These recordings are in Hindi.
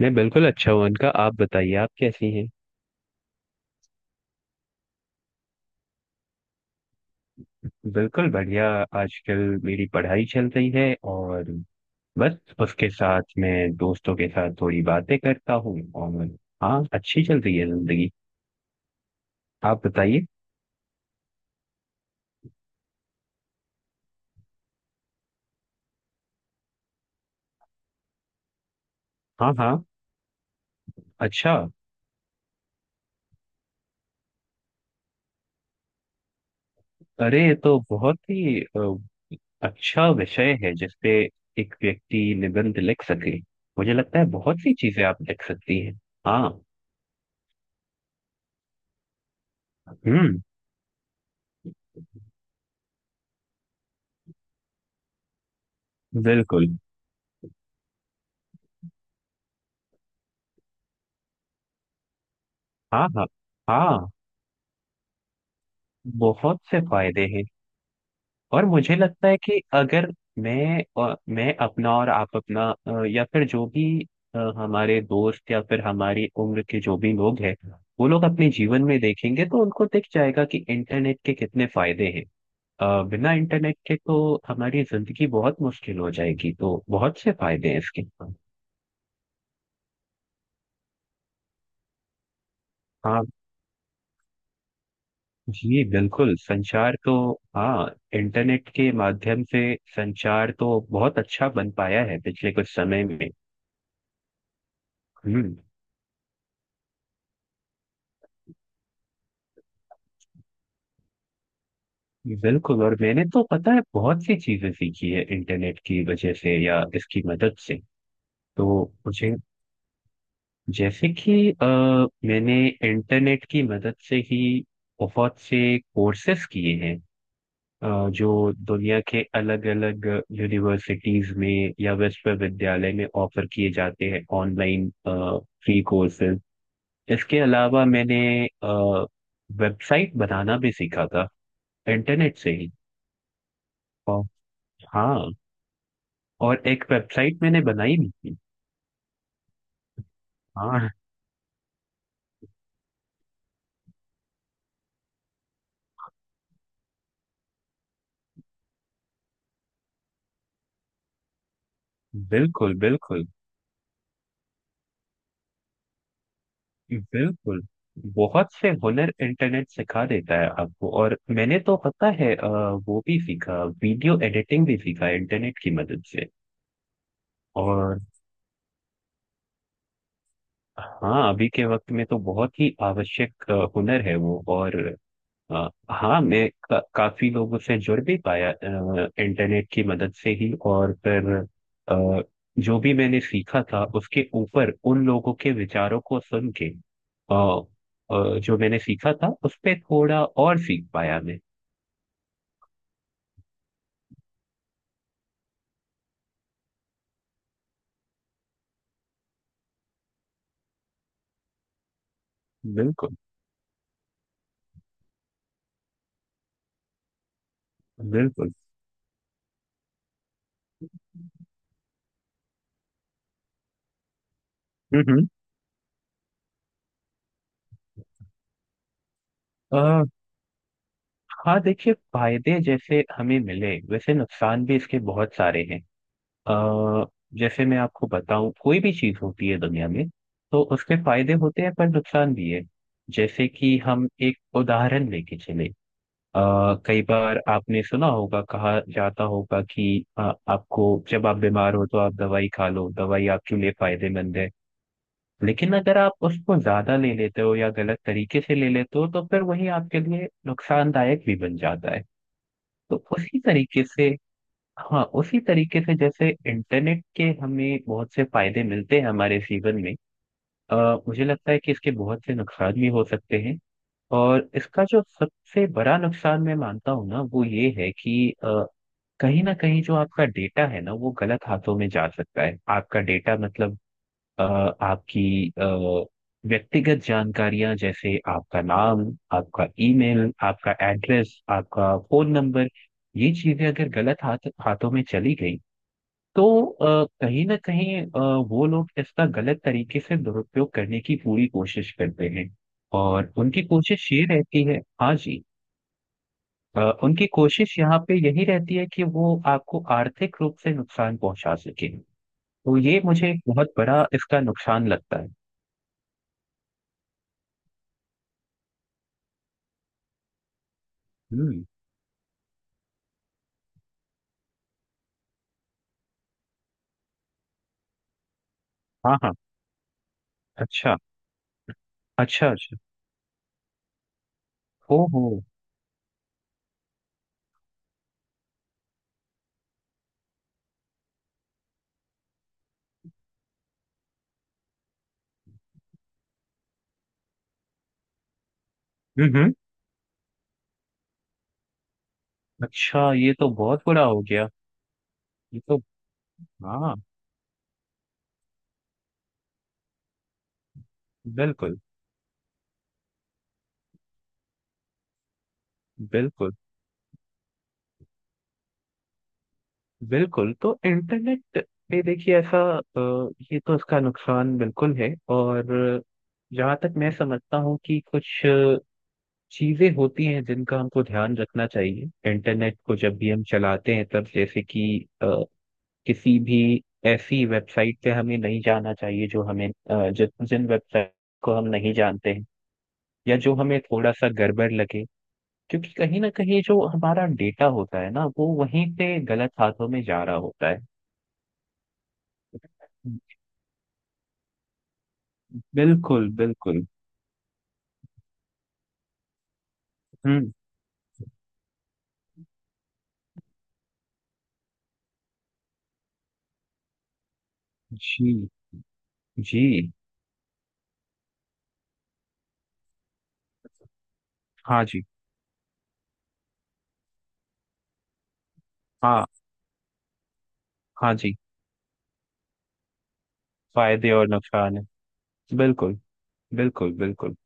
मैं बिल्कुल अच्छा हूँ अनका। आप बताइए, आप कैसी हैं? बिल्कुल बढ़िया। आजकल मेरी पढ़ाई चल रही है और बस उसके साथ मैं दोस्तों के साथ थोड़ी बातें करता हूँ। और हाँ, अच्छी चल रही है जिंदगी। आप बताइए। हाँ हाँ। अच्छा। अरे ये तो बहुत ही अच्छा विषय है जिसपे एक व्यक्ति निबंध लिख सके। मुझे लगता है बहुत सी चीजें आप लिख सकती हैं। हाँ। हम्म। बिल्कुल। हाँ हाँ। हाँ, बहुत से फायदे हैं। और मुझे लगता है कि अगर मैं अपना और आप अपना या फिर जो भी हमारे दोस्त या फिर हमारी उम्र के जो भी लोग हैं, वो लोग अपने जीवन में देखेंगे तो उनको दिख जाएगा कि इंटरनेट के कितने फायदे हैं। बिना इंटरनेट के तो हमारी जिंदगी बहुत मुश्किल हो जाएगी, तो बहुत से फायदे हैं इसके। हाँ जी, बिल्कुल। संचार तो हाँ, इंटरनेट के माध्यम से संचार तो बहुत अच्छा बन पाया है पिछले कुछ समय में। हम्म। बिल्कुल, और मैंने तो पता है बहुत सी चीजें सीखी है इंटरनेट की वजह से या इसकी मदद से। तो मुझे जैसे कि मैंने इंटरनेट की मदद से ही बहुत से कोर्सेस किए हैं, जो दुनिया के अलग अलग यूनिवर्सिटीज में या विश्वविद्यालय में ऑफर किए जाते हैं, ऑनलाइन फ्री कोर्सेज। इसके अलावा मैंने वेबसाइट बनाना भी सीखा था, इंटरनेट से ही। और हाँ, और एक वेबसाइट मैंने बनाई भी थी। हाँ। बिल्कुल बिल्कुल। बिल्कुल, बहुत से हुनर इंटरनेट सिखा देता है आपको। और मैंने तो पता है वो भी सीखा, वीडियो एडिटिंग भी सीखा इंटरनेट की मदद से। और हाँ, अभी के वक्त में तो बहुत ही आवश्यक हुनर है वो। और हाँ, मैं काफी लोगों से जुड़ भी पाया इंटरनेट की मदद से ही। और फिर अ, जो भी मैंने सीखा था उसके ऊपर उन लोगों के विचारों को सुन के जो मैंने सीखा था उस पे थोड़ा और सीख पाया मैं। बिल्कुल। बिल्कुल। हम्म। अ, हाँ देखिए, फायदे जैसे हमें मिले वैसे नुकसान भी इसके बहुत सारे हैं। अ, जैसे मैं आपको बताऊं, कोई भी चीज होती है दुनिया में तो उसके फायदे होते हैं पर नुकसान भी है। जैसे कि हम एक उदाहरण लेके चले, आ, कई बार आपने सुना होगा, कहा जाता होगा कि अ, आपको जब आप बीमार हो तो आप दवाई खा लो, दवाई आपके लिए फायदेमंद है। लेकिन अगर आप उसको ज्यादा ले लेते हो या गलत तरीके से ले लेते हो तो फिर वही आपके लिए नुकसानदायक भी बन जाता है। तो उसी तरीके से, हाँ उसी तरीके से जैसे इंटरनेट के हमें बहुत से फायदे मिलते हैं हमारे जीवन में, आ, मुझे लगता है कि इसके बहुत से नुकसान भी हो सकते हैं। और इसका जो सबसे बड़ा नुकसान मैं मानता हूँ ना, वो ये है कि कहीं ना कहीं जो आपका डेटा है ना, वो गलत हाथों में जा सकता है। आपका डेटा मतलब अ, आपकी व्यक्तिगत जानकारियां, जैसे आपका नाम, आपका ईमेल, आपका एड्रेस, आपका फोन नंबर। ये चीजें अगर गलत हाथों में चली गई तो कहीं ना कहीं वो लोग इसका गलत तरीके से दुरुपयोग करने की पूरी कोशिश करते हैं। और उनकी कोशिश ये रहती है, हाँ जी, उनकी कोशिश यहाँ पे यही रहती है कि वो आपको आर्थिक रूप से नुकसान पहुंचा सके। तो ये मुझे एक बहुत बड़ा इसका नुकसान लगता है। हम्म। हाँ हाँ। अच्छा अच्छा। अच्छा। ओहो। हम्म। अच्छा, ये तो बहुत बुरा हो गया। ये तो, हाँ। बिल्कुल। बिल्कुल बिल्कुल, तो इंटरनेट पे देखिए ऐसा ये तो इसका नुकसान बिल्कुल है। और जहाँ तक मैं समझता हूँ कि कुछ चीजें होती हैं जिनका हमको ध्यान रखना चाहिए इंटरनेट को जब भी हम चलाते हैं तब, जैसे कि अ, किसी भी ऐसी वेबसाइट पे हमें नहीं जाना चाहिए जो हमें अ, जिस जिन वेबसाइट को हम नहीं जानते हैं, या जो हमें थोड़ा सा गड़बड़ लगे। क्योंकि कहीं ना कहीं जो हमारा डेटा होता है ना, वो वहीं पे गलत हाथों में जा रहा होता है। बिल्कुल बिल्कुल। हम्म। जी। जी। हाँ जी। हाँ। हाँ जी, फायदे और नुकसान है। बिल्कुल। बिल्कुल बिल्कुल।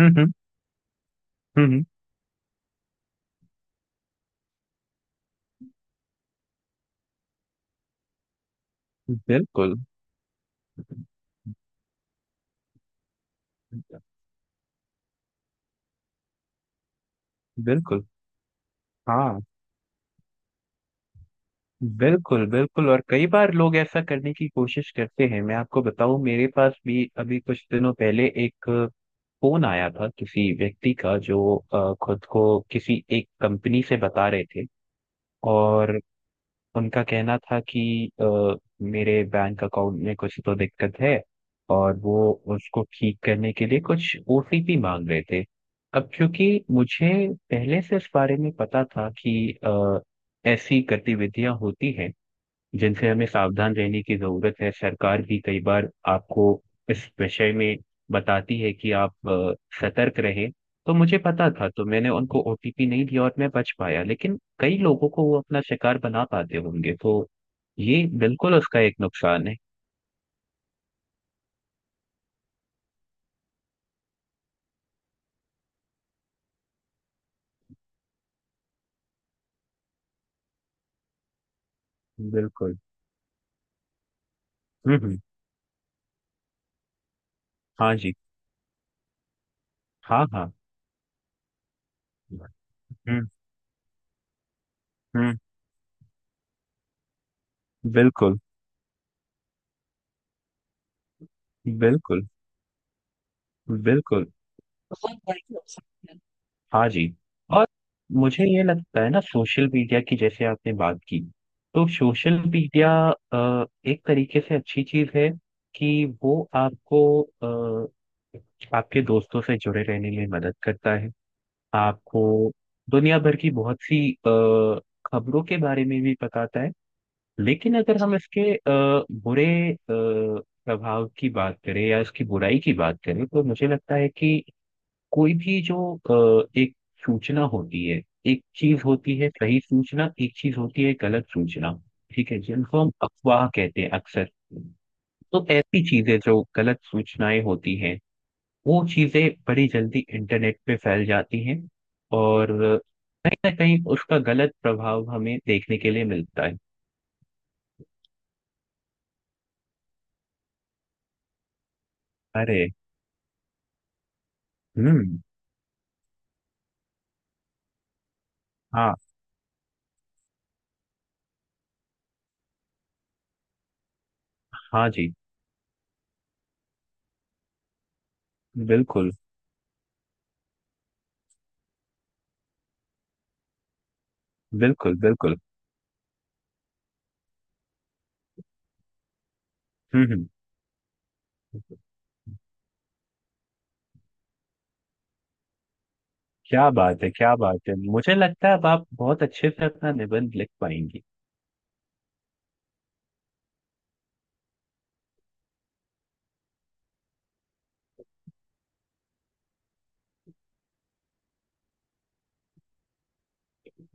हम्म। हम्म। बिल्कुल। बिल्कुल। हाँ, बिल्कुल बिल्कुल। और कई बार लोग ऐसा करने की कोशिश करते हैं। मैं आपको बताऊं, मेरे पास भी अभी कुछ दिनों पहले एक फोन आया था किसी व्यक्ति का, जो खुद को किसी एक कंपनी से बता रहे थे। और उनका कहना था कि अ, मेरे बैंक अकाउंट में कुछ तो दिक्कत है और वो उसको ठीक करने के लिए कुछ ओटीपी मांग रहे थे। अब क्योंकि मुझे पहले से इस बारे में पता था कि ऐसी गतिविधियां होती हैं जिनसे हमें सावधान रहने की जरूरत है। सरकार भी कई बार आपको इस विषय में बताती है कि आप सतर्क रहें। तो मुझे पता था, तो मैंने उनको ओटीपी नहीं दिया और मैं बच पाया। लेकिन कई लोगों को वो अपना शिकार बना पाते होंगे, तो ये बिल्कुल उसका एक नुकसान है। बिल्कुल। हम्म। हाँ जी। हाँ हाँ। हम्म हम्म। बिल्कुल। बिल्कुल बिल्कुल। हाँ जी। और मुझे ये लगता है ना, सोशल मीडिया की जैसे आपने बात की, तो सोशल मीडिया एक तरीके से अच्छी चीज है कि वो आपको आपके दोस्तों से जुड़े रहने में मदद करता है। आपको दुनिया भर की बहुत सी खबरों के बारे में भी बताता है। लेकिन अगर हम इसके बुरे अ, प्रभाव की बात करें या इसकी बुराई की बात करें तो मुझे लगता है कि कोई भी जो एक सूचना होती है, एक चीज होती है सही सूचना, एक चीज होती है गलत सूचना। ठीक है, जिनको हम अफवाह कहते हैं अक्सर। तो ऐसी चीजें जो गलत सूचनाएं होती हैं, वो चीजें बड़ी जल्दी इंटरनेट पे फैल जाती हैं। और कहीं ना कहीं उसका गलत प्रभाव हमें देखने के लिए मिलता है। अरे। हम्म। हाँ। हाँ जी। बिल्कुल बिल्कुल। बिल्कुल। हम्म। क्या बात है, क्या बात है। मुझे लगता है अब आप बहुत अच्छे से अपना निबंध लिख पाएंगी।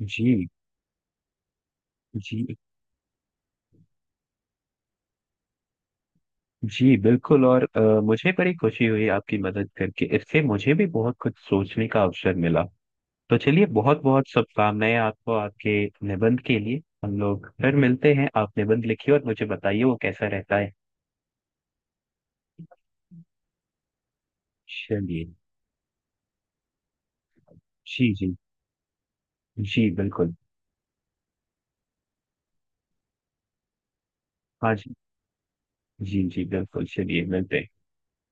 जी। जी। जी बिल्कुल, और मुझे बड़ी खुशी हुई आपकी मदद करके। इससे मुझे भी बहुत कुछ सोचने का अवसर मिला। तो चलिए, बहुत बहुत शुभकामनाएं आपको आपके निबंध के लिए। हम लोग फिर मिलते हैं, आप निबंध लिखिए और मुझे बताइए वो कैसा रहता है। चलिए। जी जी। जी बिल्कुल। हाँ जी। जी जी बिल्कुल, चलिए मिलते हैं।